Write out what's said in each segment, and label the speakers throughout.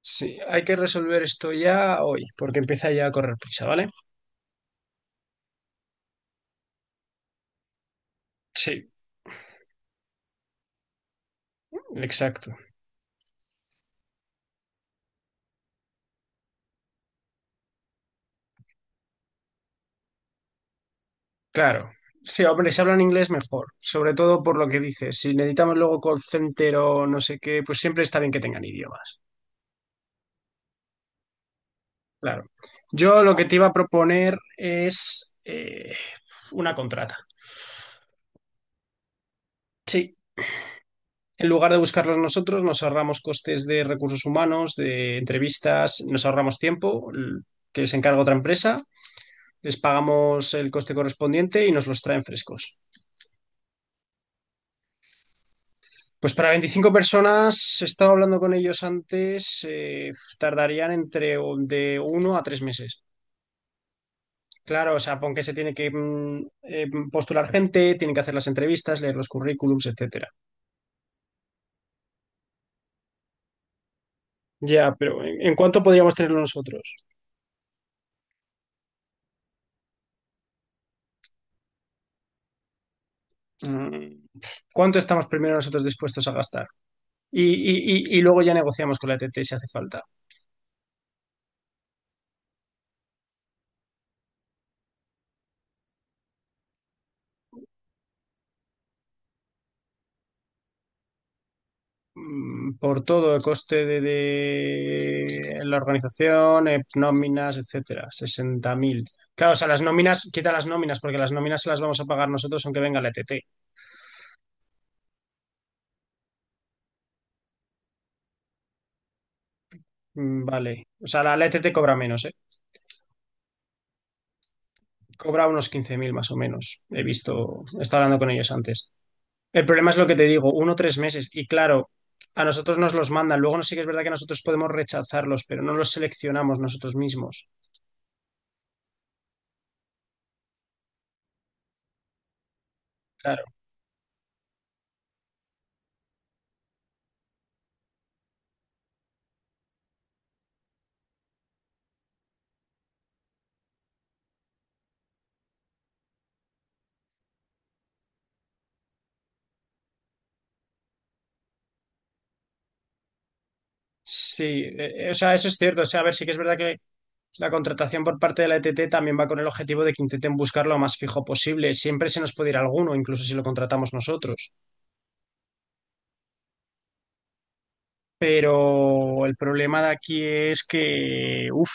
Speaker 1: Sí, hay que resolver esto ya hoy, porque empieza ya a correr prisa, ¿vale? Sí, exacto. Claro. Sí, hombre, si hablan inglés mejor, sobre todo por lo que dices. Si necesitamos luego call center o no sé qué, pues siempre está bien que tengan idiomas. Claro. Yo lo que te iba a proponer es una contrata. Sí, en lugar de buscarlos nosotros, nos ahorramos costes de recursos humanos, de entrevistas, nos ahorramos tiempo que se encarga otra empresa, les pagamos el coste correspondiente y nos los traen frescos. Pues para 25 personas, estaba hablando con ellos antes, tardarían entre de uno a tres meses. Claro, o sea, porque se tiene que postular gente, tienen que hacer las entrevistas, leer los currículums, etcétera. Ya, pero ¿en cuánto podríamos tenerlo nosotros? Mm, ¿Cuánto estamos primero nosotros dispuestos a gastar? Y luego ya negociamos con la ETT si hace falta. Por todo el coste de la organización, nóminas, etcétera, 60.000. Claro, o sea, las nóminas, quita las nóminas, porque las nóminas se las vamos a pagar nosotros aunque venga la ETT. Mm. Vale. O sea, la ETT cobra menos, ¿eh? Cobra unos 15.000 más o menos. He visto, he estado hablando con ellos antes. El problema es lo que te digo, uno o tres meses. Y claro, a nosotros nos los mandan. Luego no sé, sí que es verdad que nosotros podemos rechazarlos, pero no los seleccionamos nosotros mismos. Claro. Sí, o sea, eso es cierto. O sea, a ver, sí que es verdad que la contratación por parte de la ETT también va con el objetivo de que intenten buscar lo más fijo posible. Siempre se nos puede ir alguno, incluso si lo contratamos nosotros. Pero el problema de aquí es que, uff,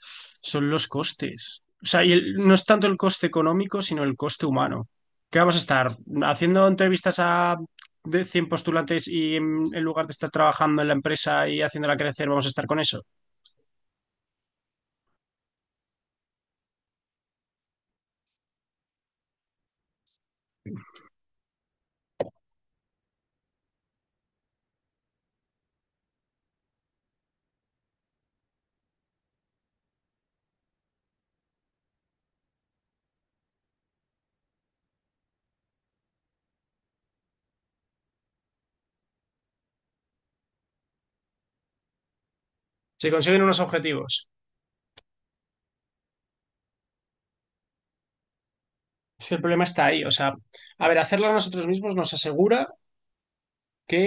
Speaker 1: son los costes. O sea, y no es tanto el coste económico, sino el coste humano. ¿Qué vamos a estar haciendo entrevistas a de 100 postulantes y, en lugar de estar trabajando en la empresa y haciéndola crecer, vamos a estar con eso? Se consiguen unos objetivos. Es que el problema está ahí. O sea, a ver, hacerlo nosotros mismos nos asegura que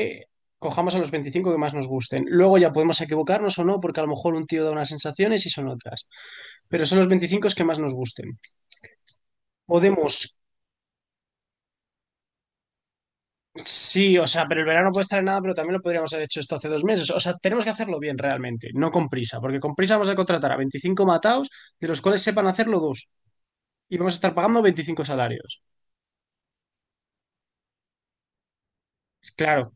Speaker 1: cojamos a los 25 que más nos gusten. Luego ya podemos equivocarnos o no, porque a lo mejor un tío da unas sensaciones y son otras. Pero son los 25 que más nos gusten. Podemos, sí, o sea, pero el verano puede estar en nada, pero también lo podríamos haber hecho esto hace dos meses. O sea, tenemos que hacerlo bien realmente, no con prisa, porque con prisa vamos a contratar a 25 matados, de los cuales sepan hacerlo dos. Y vamos a estar pagando 25 salarios. Claro.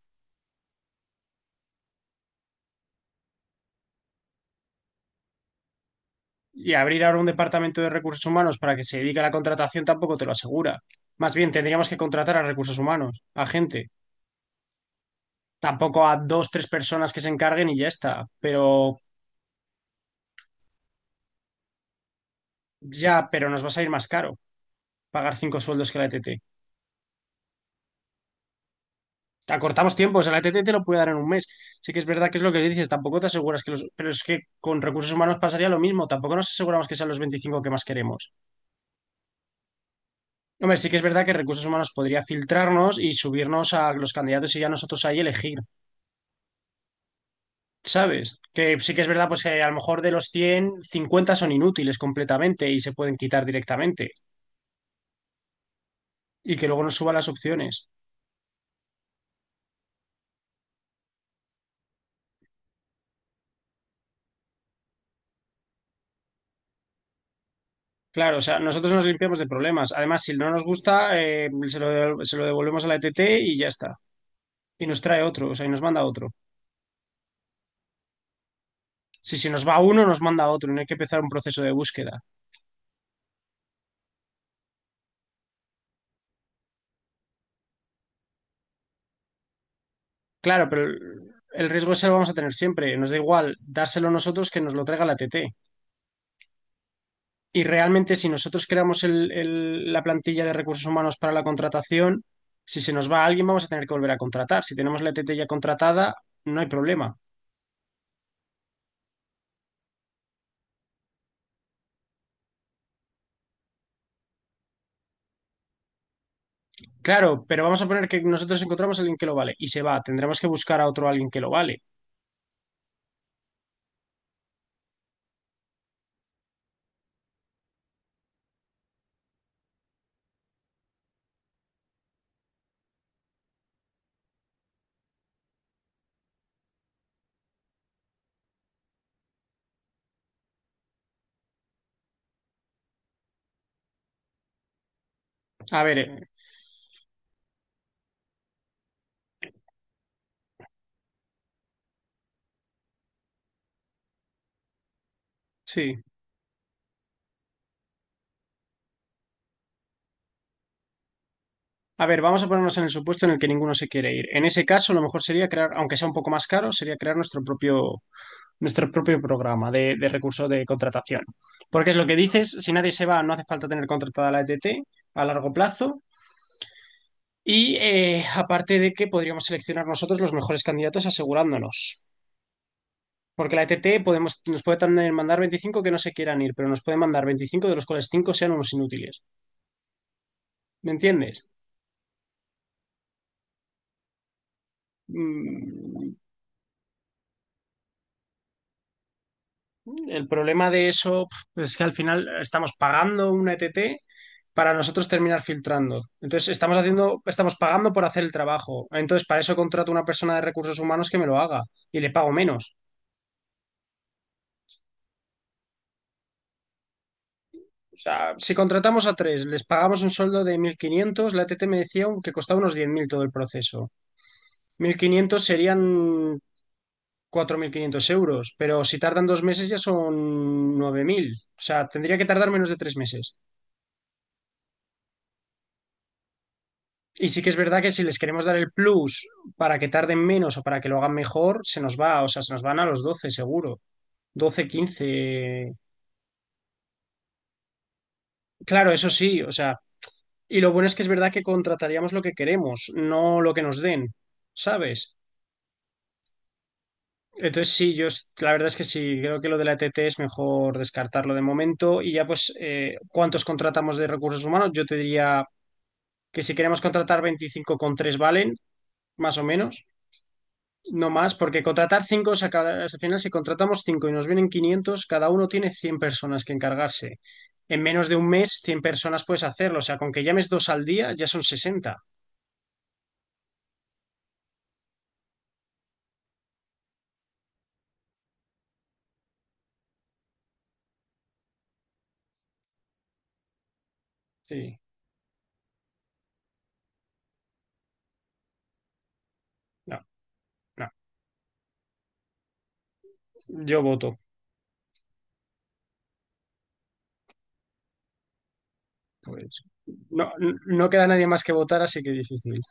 Speaker 1: Y abrir ahora un departamento de recursos humanos para que se dedique a la contratación tampoco te lo asegura. Más bien, tendríamos que contratar a recursos humanos, a gente. Tampoco, a dos, tres personas que se encarguen y ya está. Pero ya, pero nos va a salir más caro pagar cinco sueldos que la E T T. Acortamos tiempos, la E T T. te lo puede dar en un mes. Sí que es verdad que es lo que dices, tampoco te aseguras que los... Pero es que con recursos humanos pasaría lo mismo, tampoco nos aseguramos que sean los 25 que más queremos. Hombre, sí que es verdad que recursos humanos podría filtrarnos y subirnos a los candidatos y ya nosotros ahí elegir. ¿Sabes? Que sí que es verdad, pues que a lo mejor de los cien, 50 son inútiles completamente y se pueden quitar directamente y que luego nos suban las opciones. Claro, o sea, nosotros nos limpiamos de problemas. Además, si no nos gusta, se lo devolvemos a la ETT y ya está. Y nos trae otro, o sea, y nos manda otro. Si se nos va uno, nos manda otro y no hay que empezar un proceso de búsqueda. Claro, pero el riesgo ese lo vamos a tener siempre. Nos da igual dárselo nosotros que nos lo traiga la ETT. Y realmente, si nosotros creamos la plantilla de recursos humanos para la contratación, si se nos va alguien, vamos a tener que volver a contratar. Si tenemos la ETT ya contratada, no hay problema. Claro, pero vamos a poner que nosotros encontramos a alguien que lo vale y se va. Tendremos que buscar a otro alguien que lo vale. A ver, sí. A ver, vamos a ponernos en el supuesto en el que ninguno se quiere ir. En ese caso, lo mejor sería crear, aunque sea un poco más caro, sería crear nuestro propio programa de recursos de contratación. Porque es lo que dices, si nadie se va, no hace falta tener contratada la ETT a largo plazo. Y aparte, de que podríamos seleccionar nosotros los mejores candidatos, asegurándonos. Porque la ETT podemos, nos puede también mandar 25 que no se quieran ir, pero nos puede mandar 25 de los cuales 5 sean unos inútiles. ¿Me entiendes? Mm, El problema de eso, es que al final estamos pagando una ETT para nosotros terminar filtrando. Entonces estamos haciendo, estamos pagando por hacer el trabajo. Entonces, para eso contrato a una persona de recursos humanos que me lo haga y le pago menos. O sea, si contratamos a tres, les pagamos un sueldo de 1.500, la ETT me decía que costaba unos 10.000 todo el proceso. 1.500 serían 4.500 euros, pero si tardan dos meses ya son 9.000. O sea, tendría que tardar menos de tres meses. Y sí que es verdad que si les queremos dar el plus para que tarden menos o para que lo hagan mejor, se nos va, o sea, se nos van a los doce seguro, 12 quince. Claro, eso sí, o sea, y lo bueno es que es verdad que contrataríamos lo que queremos, no lo que nos den, ¿sabes? Entonces sí, yo la verdad es que sí, creo que lo de la ETT es mejor descartarlo de momento y ya pues, ¿cuántos contratamos de recursos humanos? Yo te diría que si queremos contratar 25 con 3 valen, más o menos. No más, porque contratar cinco, o sea, al final si contratamos cinco y nos vienen quinientos, cada uno tiene 100 personas que encargarse. En menos de un mes, 100 personas puedes hacerlo. O sea, con que llames dos al día, ya son sesenta. Sí, no, no. Yo voto. Pues no, no queda nadie más que votar, así que difícil.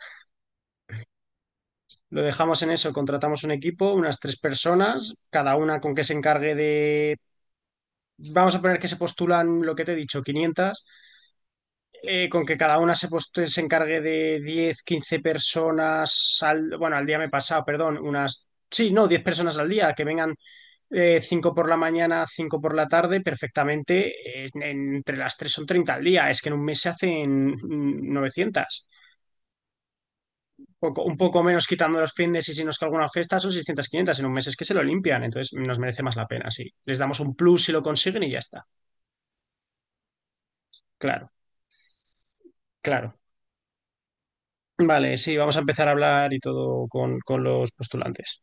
Speaker 1: Lo dejamos en eso, contratamos un equipo, unas tres personas, cada una con que se encargue de... Vamos a poner que se postulan lo que te he dicho, quinientas, con que cada una se, pues, se encargue de diez, 15 personas al, bueno, al día me he pasado, perdón, unas, sí, no, 10 personas al día, que vengan, 5 por la mañana, 5 por la tarde, perfectamente, entre las tres son 30 al día, es que en un mes se hacen 900. Un poco menos quitando los fines y si nos que alguna fiesta, son 600, 500, en un mes es que se lo limpian, entonces nos merece más la pena, sí. Les damos un plus si lo consiguen y ya está. Claro, claro. Vale, sí, vamos a empezar a hablar y todo con los postulantes.